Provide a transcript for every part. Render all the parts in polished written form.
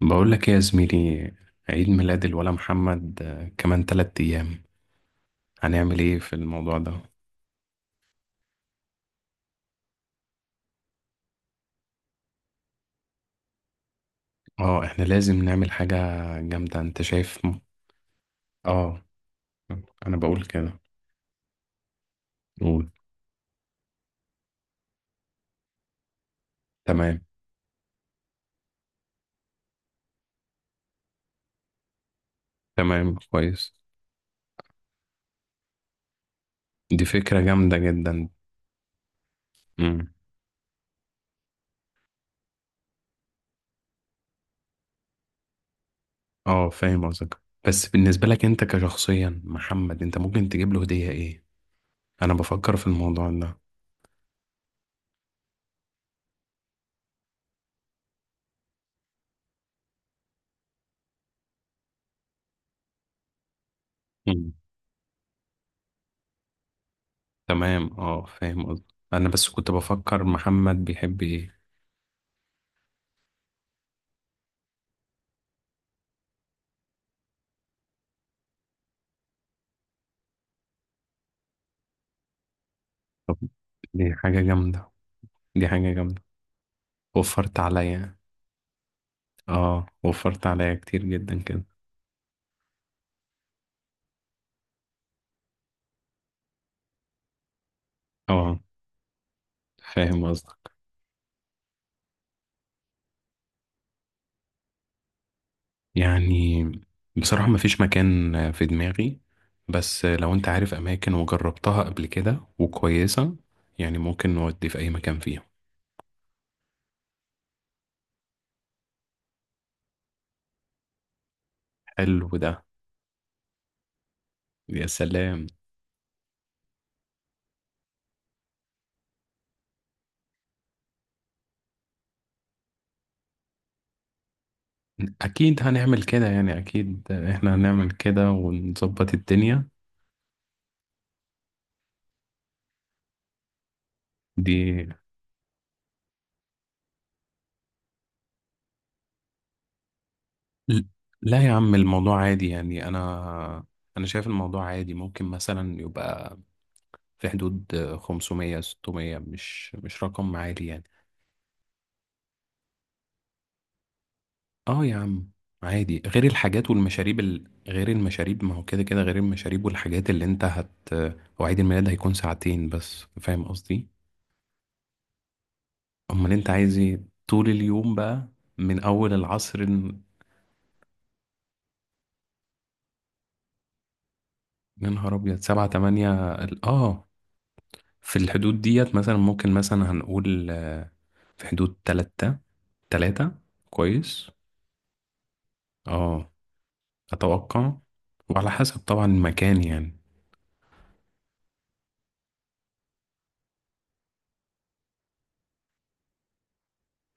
بقول لك ايه يا زميلي؟ عيد ميلاد الولا محمد، كمان 3 ايام. هنعمل ايه في الموضوع ده؟ اه احنا لازم نعمل حاجة جامدة. انت شايف اه انا بقول كده. قول. تمام، تمام، كويس. دي فكرة جامدة جدا. امم اه، فاهم قصدك. بس بالنسبة لك انت كشخصيا محمد، انت ممكن تجيب له هدية ايه؟ انا بفكر في الموضوع ده. امم تمام، اه فاهم قصدك. انا بس كنت بفكر محمد بيحب ايه. طب دي حاجة جامدة. دي حاجة جامدة. وفرت عليا. اه، وفرت عليا كتير جدا كده. اه، فاهم قصدك. يعني بصراحة مفيش مكان في دماغي، بس لو انت عارف اماكن وجربتها قبل كده وكويسة، يعني ممكن نودي في اي مكان فيهم. حلو ده. يا سلام. اكيد هنعمل كده، يعني اكيد احنا هنعمل كده ونظبط الدنيا دي. ل- لا يا عم، الموضوع عادي يعني. انا شايف الموضوع عادي. ممكن مثلا يبقى في حدود 500 600، مش رقم عالي يعني. اه يا عم، عادي. غير الحاجات والمشاريب غير المشاريب، ما هو كده كده غير المشاريب والحاجات اللي انت هت. هو عيد الميلاد هيكون ساعتين بس، فاهم قصدي؟ امال انت عايز ايه؟ طول اليوم بقى. من اول العصر يا نهار ابيض، 7 8 في الحدود ديت مثلا. ممكن مثلا هنقول في حدود 3. 3، كويس. اه، أتوقع. وعلى حسب طبعا المكان يعني.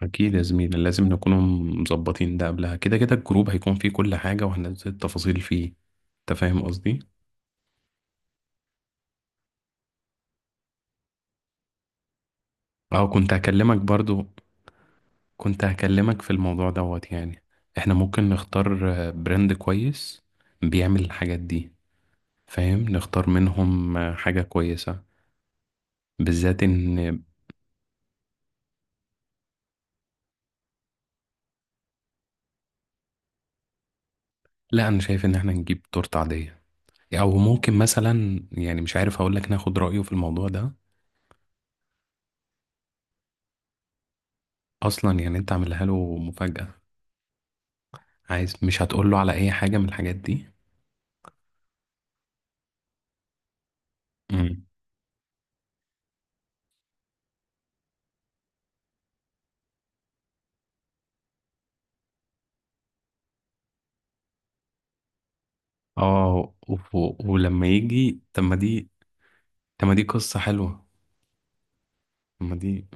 أكيد يا زميلي، لازم نكون مظبطين ده قبلها. كده كده الجروب هيكون فيه كل حاجة، وهننزل التفاصيل فيه. أنت فاهم قصدي؟ أه، كنت هكلمك برضو. كنت هكلمك في الموضوع دوت يعني. إحنا ممكن نختار براند كويس بيعمل الحاجات دي. فاهم؟ نختار منهم حاجة كويسة، بالذات إن... لا، أنا شايف إن إحنا نجيب تورتة عادية. أو ممكن مثلا يعني مش عارف، هقولك ناخد رأيه في الموضوع ده. اصلا يعني انت عاملها له مفاجأة. عايز، مش هتقول له على اي حاجة من الحاجات دي. امم ولما يجي. طب ما دي قصة حلوة. طب ما دي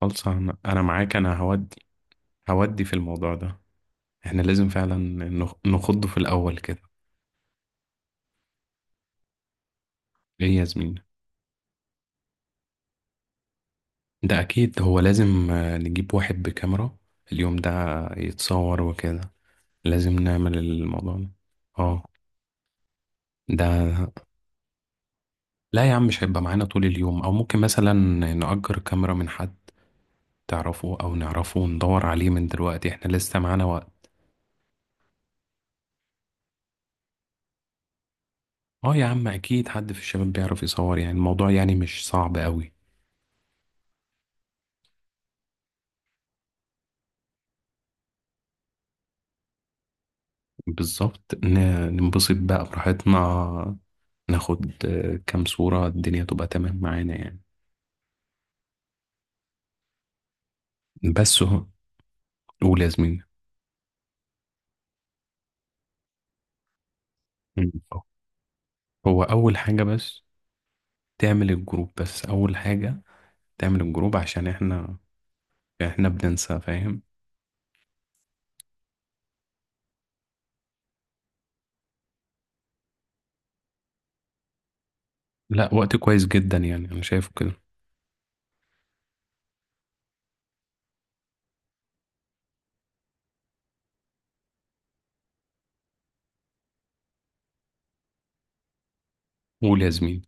خالصة. أنا معاك، انا هودي. هودي في الموضوع ده. احنا لازم فعلا نخضه في الاول كده. ايه يا زميلي؟ ده اكيد. هو لازم نجيب واحد بكاميرا اليوم ده، يتصور وكده. لازم نعمل الموضوع ده. اه، ده. لا يا عم، مش هيبقى معانا طول اليوم. او ممكن مثلا نأجر كاميرا من حد تعرفه او نعرفه، وندور عليه من دلوقتي، احنا لسه معانا وقت. اه يا عم، اكيد حد في الشباب بيعرف يصور، يعني الموضوع يعني مش صعب قوي. بالظبط، ننبسط بقى براحتنا. ناخد كام صورة، الدنيا تبقى تمام معانا يعني. بس هو. قول يا زميلي. مم. هو أول حاجة بس تعمل الجروب. بس أول حاجة تعمل الجروب عشان احنا بننسى، فاهم. لا، وقت كويس جدا يعني، أنا شايفه كده. قول يا زميلي.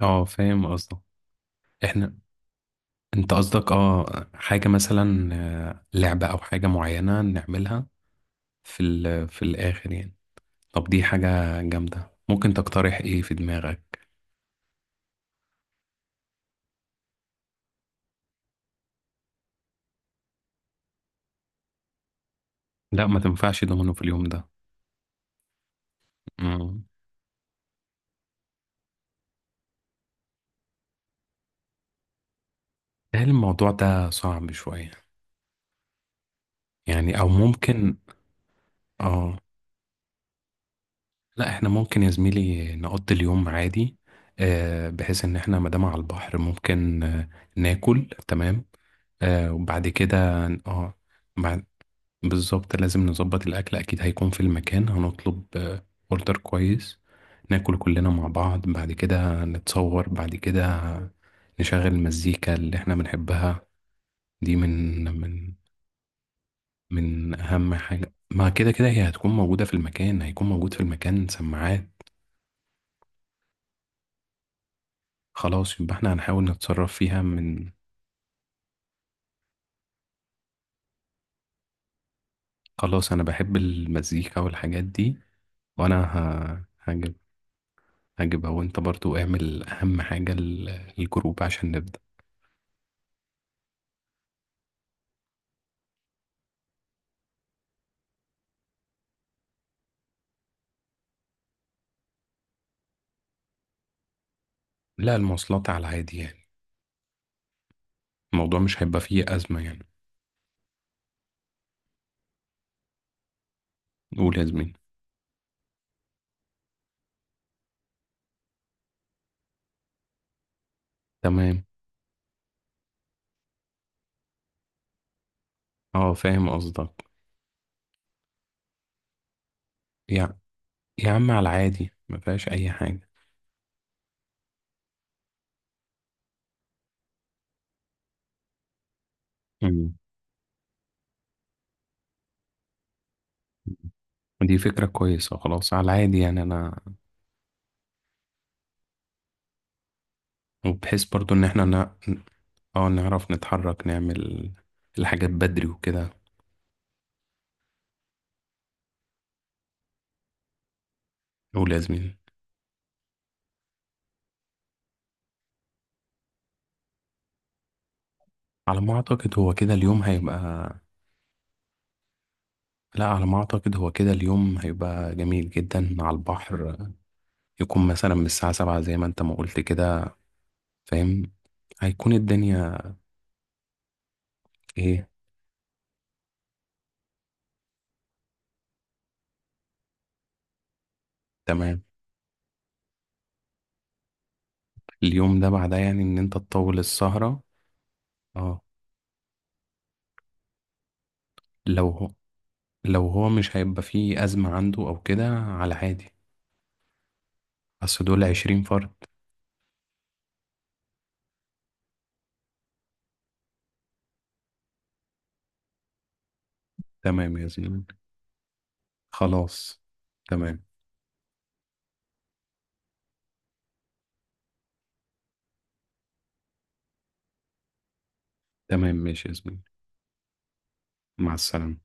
اه فاهم قصدك. احنا. انت قصدك اه، حاجة مثلا لعبة او حاجة معينة نعملها في ال في الاخر يعني. طب دي حاجة جامدة. ممكن تقترح ايه في دماغك؟ لا، ما تنفعش دومينو في اليوم ده. امم هل الموضوع ده صعب شوية؟ يعني او ممكن اه لا، احنا ممكن يا زميلي نقضي اليوم عادي، بحيث ان احنا مادام على البحر ممكن ناكل تمام، وبعد كده اه بالظبط لازم نظبط الأكل. أكيد هيكون في المكان هنطلب أوردر كويس، ناكل كلنا مع بعض، بعد كده نتصور، بعد كده نشغل المزيكا اللي احنا بنحبها. دي من أهم حاجة، ما كده كده هي هتكون موجودة في المكان، هيكون موجود في المكان سماعات. خلاص، يبقى احنا هنحاول نتصرف فيها من... خلاص، أنا بحب المزيكا والحاجات دي. وأنا هجيب. هجيبها. وانت برضو اعمل أهم حاجة الجروب عشان نبدأ. لا، المواصلات على العادي يعني. الموضوع مش هيبقى فيه أزمة يعني. قول يا زميلي. تمام، اه فاهم قصدك. يا يا عم، على العادي، ما فيهاش أي حاجة. مم. دي فكرة كويسة. خلاص، على العادي يعني أنا. وبحيث برضو إن احنا نا... اه، نعرف نتحرك، نعمل الحاجات بدري وكده. قول يا زميلي. على ما أعتقد هو كده اليوم هيبقى. لا، على ما أعتقد هو كده اليوم هيبقى جميل جدا على البحر. يكون مثلا من الساعة 7 زي ما أنت ما قلت كده، فاهم. هيكون الدنيا ايه؟ تمام. اليوم ده بعدها، يعني ان انت تطول السهرة. اه، لو هو لو هو مش هيبقى فيه أزمة عنده او كده، على عادي. بس دول 20 فرد. تمام يا زميلي. خلاص، تمام. تمام ماشي يا زميلي. مع السلامة.